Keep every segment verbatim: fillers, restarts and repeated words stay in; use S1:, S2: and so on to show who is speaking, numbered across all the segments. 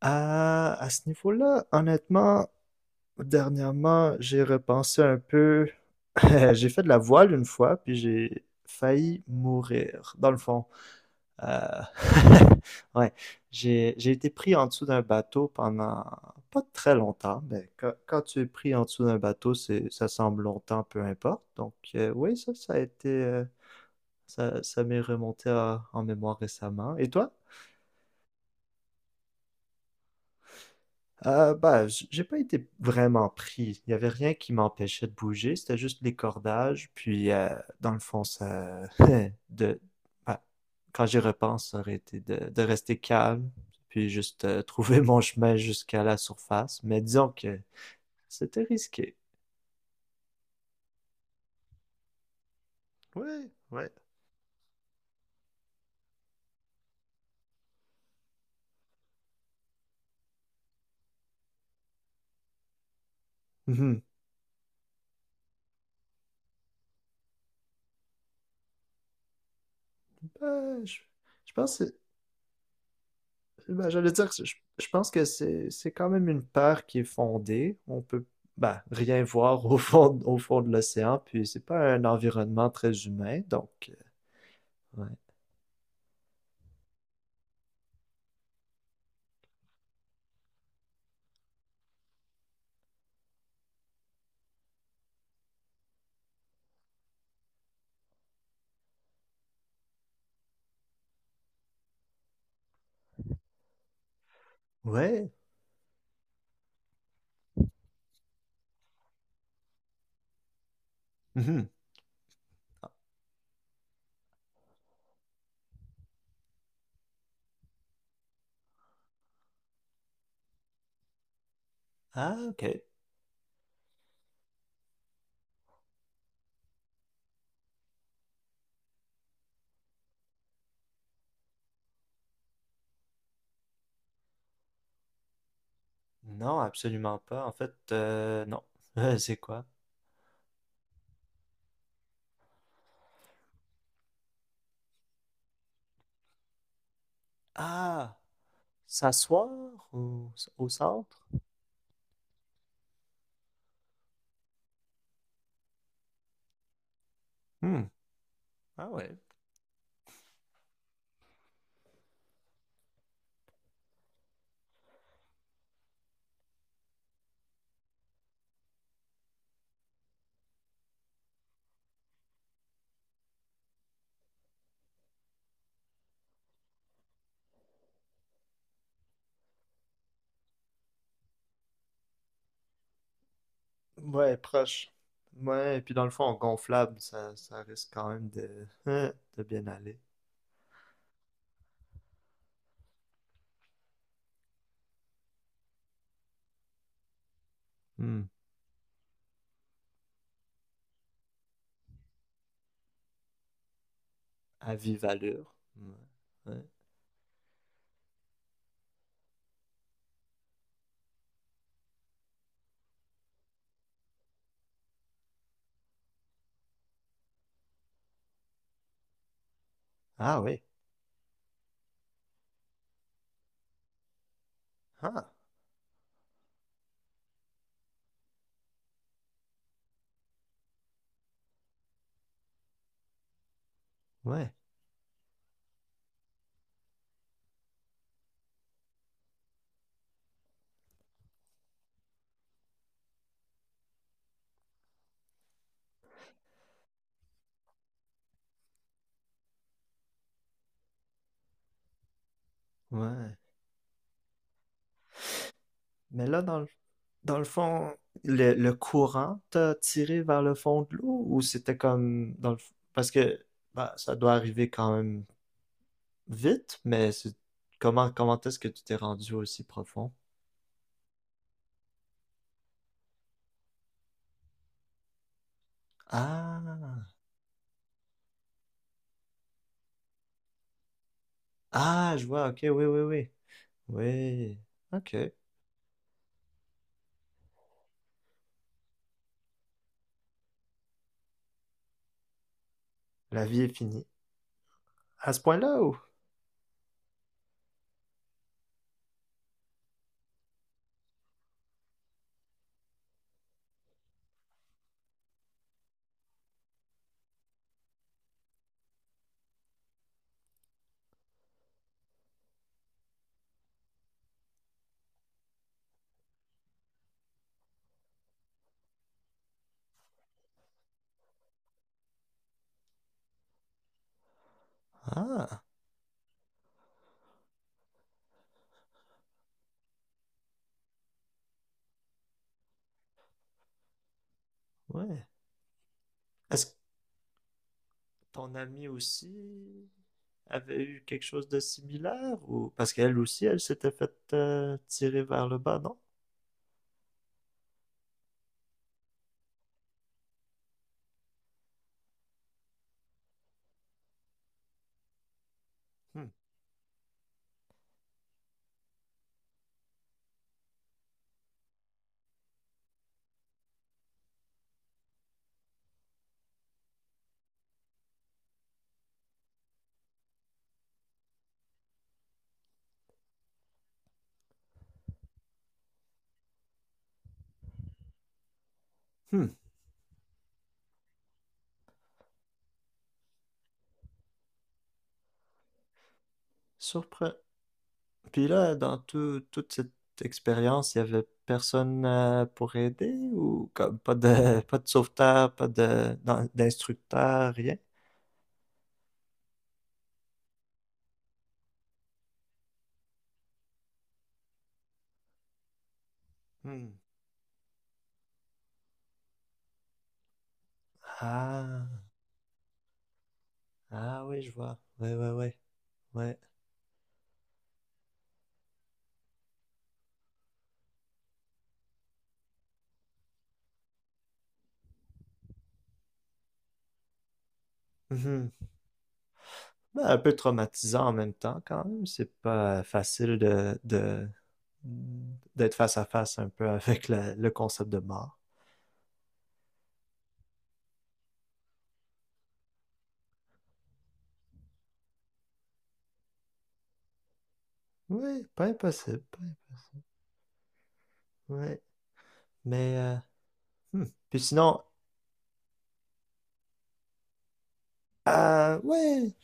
S1: À, à ce niveau-là, honnêtement, dernièrement, j'ai repensé un peu. J'ai fait de la voile une fois, puis j'ai failli mourir, dans le fond. Euh, Ouais, j'ai, j'ai été pris en dessous d'un bateau pendant pas très longtemps, mais quand, quand tu es pris en dessous d'un bateau, c'est, ça semble longtemps, peu importe. Donc, euh, oui, ça, ça a été, euh, ça, ça m'est remonté à- en mémoire récemment. Et toi? Euh, bah, j- j'ai pas été vraiment pris. Il y avait rien qui m'empêchait de bouger. C'était juste les cordages. Puis, euh, dans le fond, ça, de, bah, quand j'y repense, ça aurait été de, de rester calme. Puis juste euh, trouver mon chemin jusqu'à la surface. Mais disons que c'était risqué. Ouais, ouais. Mhm. Bah, je, je pense que Ben, j'allais dire, je, je pense que c'est c'est quand même une peur qui est fondée. On peut ben, rien voir au fond, au fond de l'océan, puis c'est pas un environnement très humain, donc euh, ouais. Ouais. Mhm. Ah, ok. Non, absolument pas. En fait, euh, non. Euh, c'est quoi? Ah, s'asseoir au, au centre? Hmm. Ah ouais. Ouais, proche. Ouais, et puis dans le fond, gonflable, ça, ça risque quand même de, de bien aller. À vive allure. Ouais. Ouais. Ah oui. Ah, ouais, ouais. Mais là, dans le, dans le fond, le, le courant t'a tiré vers le fond de l'eau ou c'était comme dans le f- parce que bah, ça doit arriver quand même vite, mais c'est comment comment est-ce que tu t'es rendu aussi profond? Ah, ah, je vois. Ok, oui, oui, oui, oui. Ok. La vie est finie. À ce point-là ou? Ah, ouais. Est-ce que ton ami aussi avait eu quelque chose de similaire ou parce qu'elle aussi elle s'était faite euh, tirer vers le bas, non? Hmm. Hmm. Surprenant. Puis là, dans tout- toute cette expérience, il y avait personne euh, pour aider ou comme pas de pas de sauveteur, pas de d'in- d'instructeur, rien? Hmm. Ah, ah oui, je vois. Ouais, ouais, ouais, ouais. Mhm. Ben, un peu traumatisant en même temps, quand même. C'est pas facile de, de, d'être face à face un peu avec la- le concept de mort. Oui, pas impossible. Pas ouais. Mais, euh, hmm. Puis sinon, euh, ouais.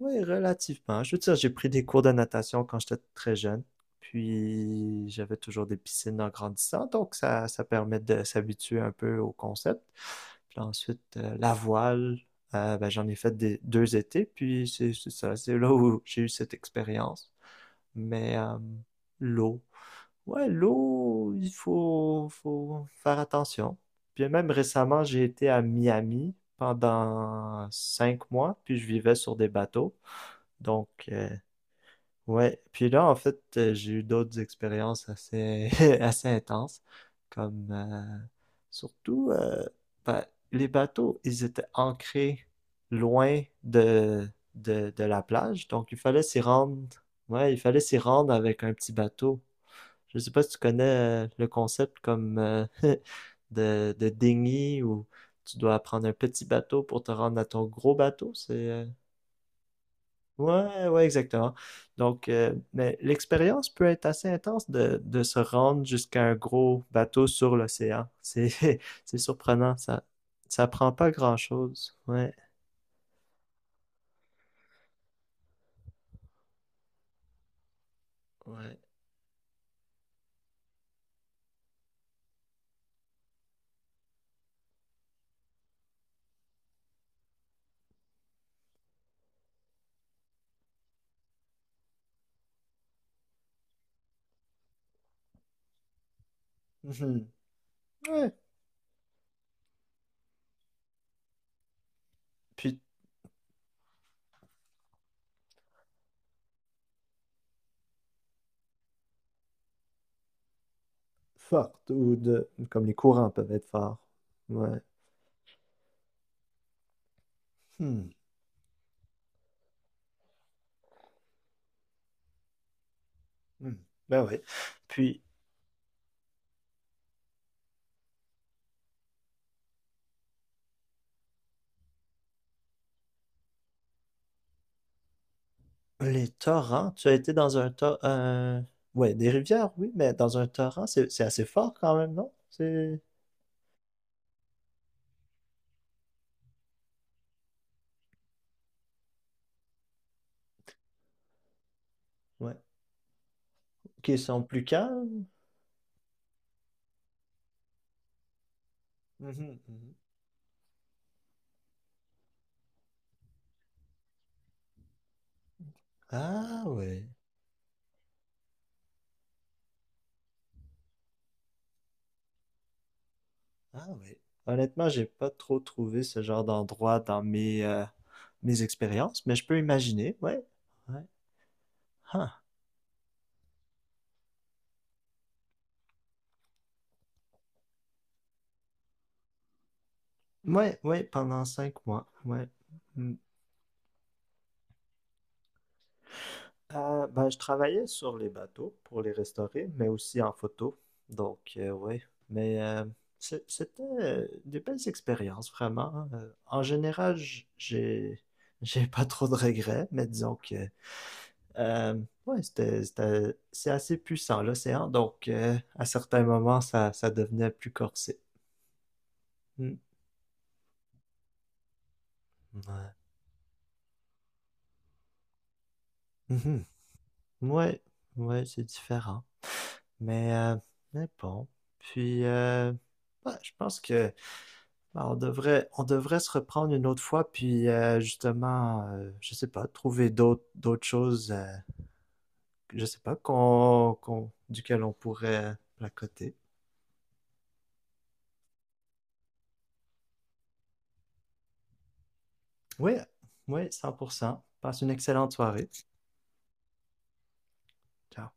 S1: Oui, relativement. Je veux dire, j'ai pris des cours de natation quand j'étais très jeune. Puis j'avais toujours des piscines en grandissant, donc ça, ça permet de s'habituer un peu au concept. Puis ensuite, euh, la voile, euh, ben, j'en ai fait des, deux étés, puis c'est c'est ça, c'est là où j'ai eu cette expérience. Mais euh, l'eau, ouais, l'eau, il faut, faut faire attention. Puis même récemment, j'ai été à Miami pendant cinq mois, puis je vivais sur des bateaux. Donc, euh, ouais. Puis là, en fait, euh, j'ai eu d'autres expériences assez, assez intenses, comme euh, surtout euh, ben, les bateaux, ils étaient ancrés loin de, de, de la plage, donc il fallait s'y rendre. Ouais, il fallait s'y rendre avec un petit bateau. Je sais pas si tu connais euh, le concept comme euh, de, de dinghy où tu dois prendre un petit bateau pour te rendre à ton gros bateau. C'est, euh, Ouais, ouais, exactement. Donc, euh, mais l'expérience peut être assez intense de, de se rendre jusqu'à un gros bateau sur l'océan. C'est, c'est surprenant, ça, ça prend pas grand-chose. Ouais, ouais. Mhm. Ouais. Puis forte ou de, comme les courants peuvent être forts. Ouais. Hmm. Hmm. Ben oui. Puis les torrents, tu as été dans un torrent, ouais, des rivières, oui, mais dans un torrent, c'est, c'est assez fort quand même, non? C'est, ouais, qui sont plus calmes. Mhm, mhm. Ah ouais, ah ouais. Honnêtement, j'ai pas trop trouvé ce genre d'endroit dans mes, euh, mes expériences, mais je peux imaginer, ouais, ouais. Ah. Ouais, ouais, pendant cinq mois, ouais. Mm. Euh, ben, je travaillais sur les bateaux pour les restaurer, mais aussi en photo, donc euh, ouais. Mais euh, c'est- c'était euh, des belles expériences, vraiment, hein. Euh, en général, j- j'ai j'ai pas trop de regrets, mais disons que Euh, ouais, c'était, c'était- c'est assez puissant l'océan, donc euh, à certains moments, ça, ça devenait plus corsé. Hmm. Ouais. Mhm. Ouais, ouais, c'est différent. Mais, euh, mais bon. Puis, euh, ouais, je pense que bah, on devrait, on devrait se reprendre une autre fois, puis euh, justement, euh, je sais pas, trouver d'autres, d'autres choses, euh, je sais pas, qu'on, qu'on, duquel on pourrait placoter. Oui, oui, cent pour cent. Passe une excellente soirée. Ciao.